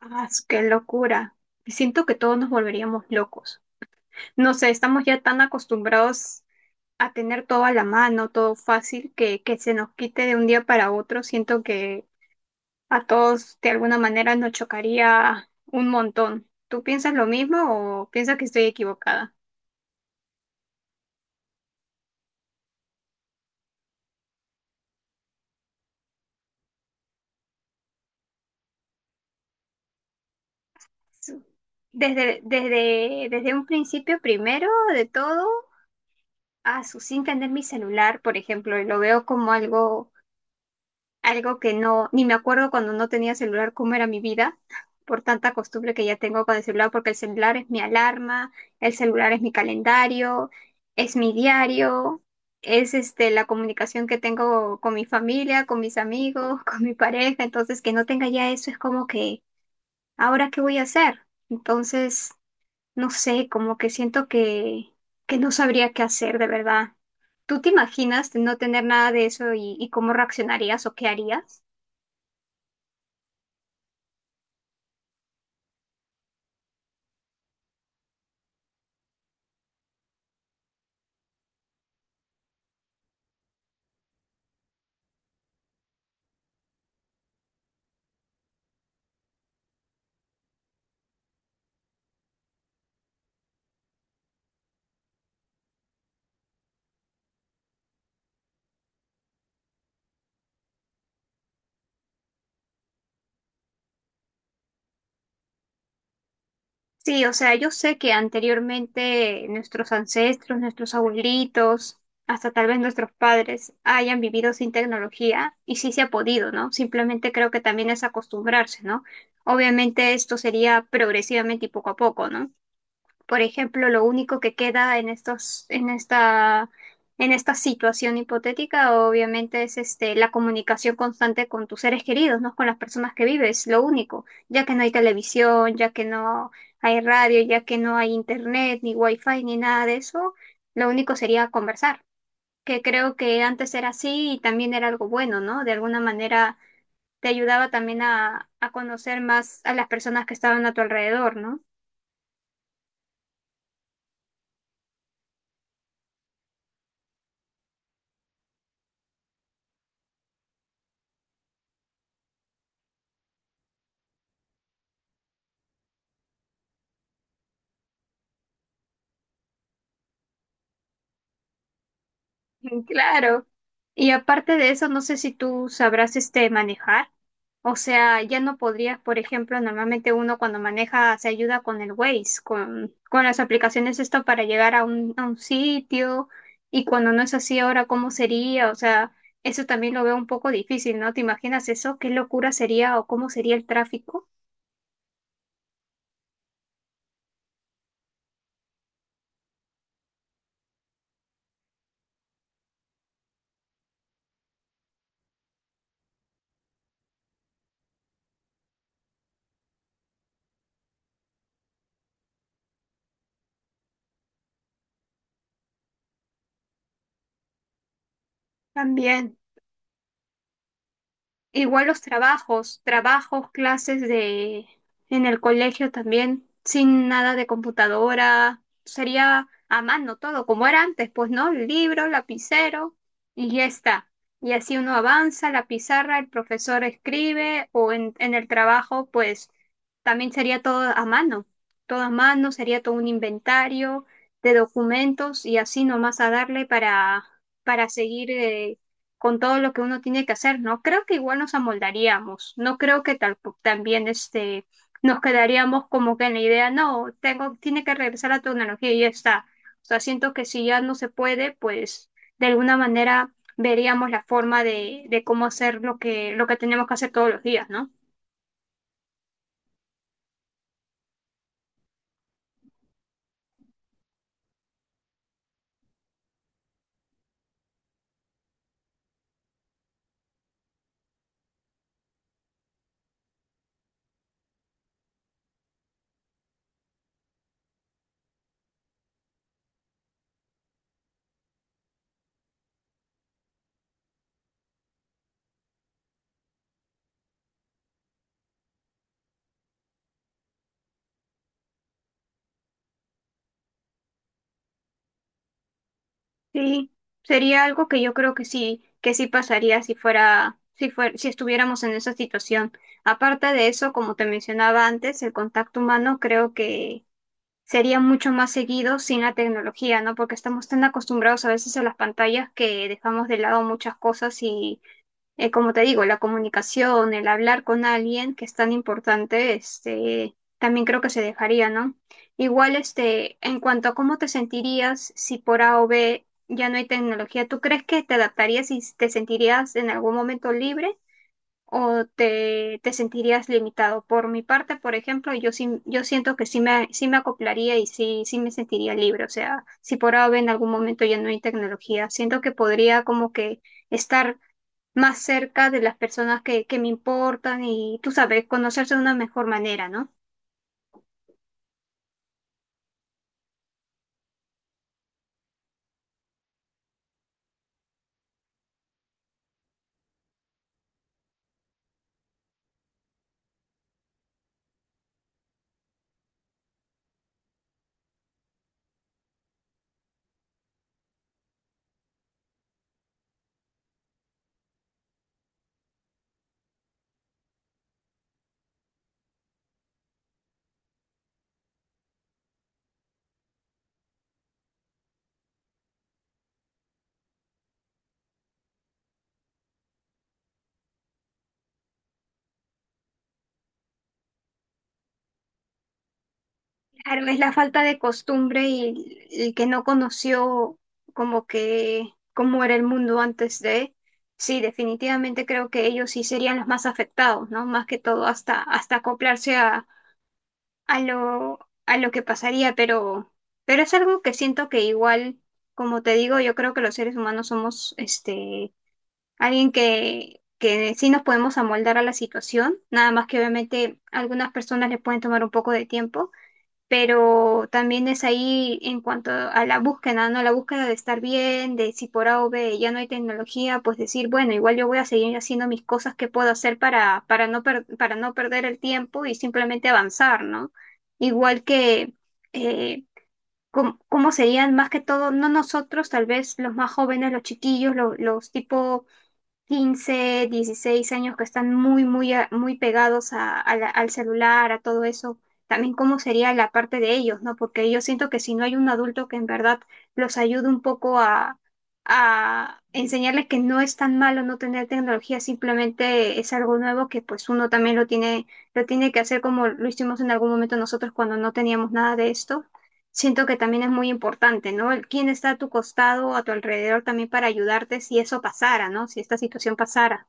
Ah, qué locura. Siento que todos nos volveríamos locos. No sé, estamos ya tan acostumbrados a tener todo a la mano, todo fácil, que se nos quite de un día para otro. Siento que a todos de alguna manera nos chocaría un montón. ¿Tú piensas lo mismo o piensas que estoy equivocada? Su- desde un principio, primero de todo, a su sin tener mi celular, por ejemplo, y lo veo como algo que no, ni me acuerdo cuando no tenía celular cómo era mi vida, por tanta costumbre que ya tengo con el celular, porque el celular es mi alarma, el celular es mi calendario, es mi diario, es este la comunicación que tengo con mi familia, con mis amigos, con mi pareja, entonces que no tenga ya eso es como que, ¿ahora qué voy a hacer? Entonces, no sé, como que siento que no sabría qué hacer de verdad. ¿Tú te imaginas no tener nada de eso y cómo reaccionarías o qué harías? Sí, o sea, yo sé que anteriormente nuestros ancestros, nuestros abuelitos, hasta tal vez nuestros padres hayan vivido sin tecnología y sí se ha podido, ¿no? Simplemente creo que también es acostumbrarse, ¿no? Obviamente esto sería progresivamente y poco a poco, ¿no? Por ejemplo, lo único que queda en esta situación hipotética, obviamente, es este, la comunicación constante con tus seres queridos, ¿no? Con las personas que vives, lo único, ya que no hay televisión, ya que no hay radio, ya que no hay internet, ni wifi, ni nada de eso, lo único sería conversar, que creo que antes era así y también era algo bueno, ¿no? De alguna manera te ayudaba también a conocer más a las personas que estaban a tu alrededor, ¿no? Claro. Y aparte de eso, no sé si tú sabrás este manejar. O sea, ya no podrías, por ejemplo, normalmente uno cuando maneja se ayuda con el Waze, con las aplicaciones esto para llegar a a un sitio. Y cuando no es así, ahora cómo sería. O sea, eso también lo veo un poco difícil, ¿no? ¿Te imaginas eso? ¿Qué locura sería o cómo sería el tráfico? También. Igual los trabajos, trabajos, clases de en el colegio también, sin nada de computadora, sería a mano todo, como era antes, pues, ¿no? Libro, lapicero y ya está. Y así uno avanza, la pizarra, el profesor escribe o en el trabajo, pues también sería todo a mano, sería todo un inventario de documentos y así nomás a darle para seguir con todo lo que uno tiene que hacer, ¿no? Creo que igual nos amoldaríamos, no creo que tal, también este, nos quedaríamos como que en la idea, no, tengo, tiene que regresar la tecnología y ya está. O sea, siento que si ya no se puede, pues de alguna manera veríamos la forma de cómo hacer lo lo que tenemos que hacer todos los días, ¿no? Sí, sería algo que yo creo que sí pasaría si estuviéramos en esa situación. Aparte de eso, como te mencionaba antes, el contacto humano creo que sería mucho más seguido sin la tecnología, ¿no? Porque estamos tan acostumbrados a veces a las pantallas que dejamos de lado muchas cosas y, como te digo, la comunicación, el hablar con alguien que es tan importante, este, también creo que se dejaría, ¿no? Igual, este, en cuanto a cómo te sentirías si por A o B ya no hay tecnología, ¿tú crees que te adaptarías y te sentirías en algún momento libre o te sentirías limitado? Por mi parte, por ejemplo, yo sí, yo siento que sí me acoplaría y sí, sí me sentiría libre. O sea, si por ahora en algún momento ya no hay tecnología, siento que podría como que estar más cerca de las personas que me importan y tú sabes, conocerse de una mejor manera, ¿no? Claro, es la falta de costumbre y el que no conoció como que cómo era el mundo antes de. Sí, definitivamente creo que ellos sí serían los más afectados, ¿no? Más que todo hasta acoplarse a lo, a lo que pasaría, pero es algo que siento que igual, como te digo, yo creo que los seres humanos somos este alguien que sí nos podemos amoldar a la situación, nada más que obviamente algunas personas les pueden tomar un poco de tiempo pero también es ahí en cuanto a la búsqueda, ¿no? La búsqueda de estar bien, de si por A o B ya no hay tecnología, pues decir, bueno, igual yo voy a seguir haciendo mis cosas que puedo hacer para no perder el tiempo y simplemente avanzar, ¿no? Igual que, eh, ¿cómo, serían más que todo, no nosotros, tal vez los más jóvenes, los chiquillos, los tipo 15, 16 años que están muy pegados al celular, a todo eso, también cómo sería la parte de ellos, ¿no? Porque yo siento que si no hay un adulto que en verdad los ayude un poco a enseñarles que no es tan malo no tener tecnología, simplemente es algo nuevo que pues uno también lo tiene que hacer como lo hicimos en algún momento nosotros cuando no teníamos nada de esto. Siento que también es muy importante, ¿no? El quién está a tu costado, a tu alrededor también para ayudarte si eso pasara, ¿no? Si esta situación pasara.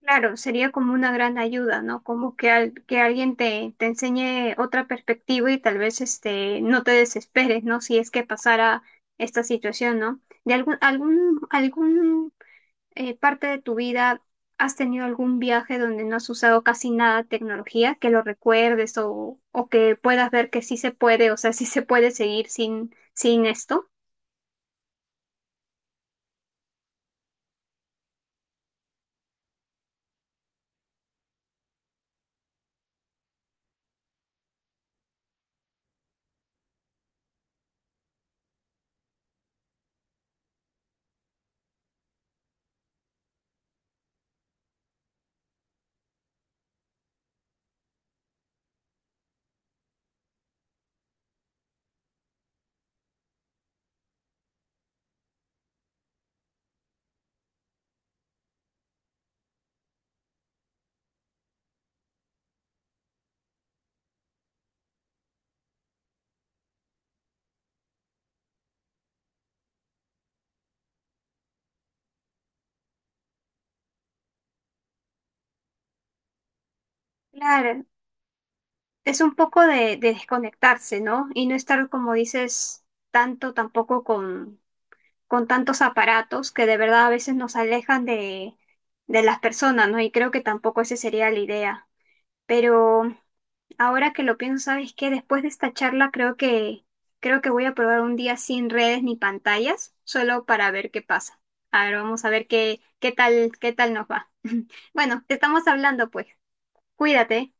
Claro, sería como una gran ayuda, ¿no? Como que, que alguien te enseñe otra perspectiva y tal vez este, no te desesperes, ¿no? Si es que pasara esta situación, ¿no? ¿De algún parte de tu vida has tenido algún viaje donde no has usado casi nada de tecnología, que lo recuerdes o que puedas ver que sí se puede, o sea, sí se puede seguir sin esto? Claro, es un poco de desconectarse, ¿no? Y no estar, como dices, tanto tampoco con tantos aparatos que de verdad a veces nos alejan de las personas, ¿no? Y creo que tampoco esa sería la idea. Pero ahora que lo pienso, sabes que después de esta charla creo que voy a probar un día sin redes ni pantallas, solo para ver qué pasa. A ver, vamos a ver qué tal nos va. Bueno, te estamos hablando pues. Cuídate.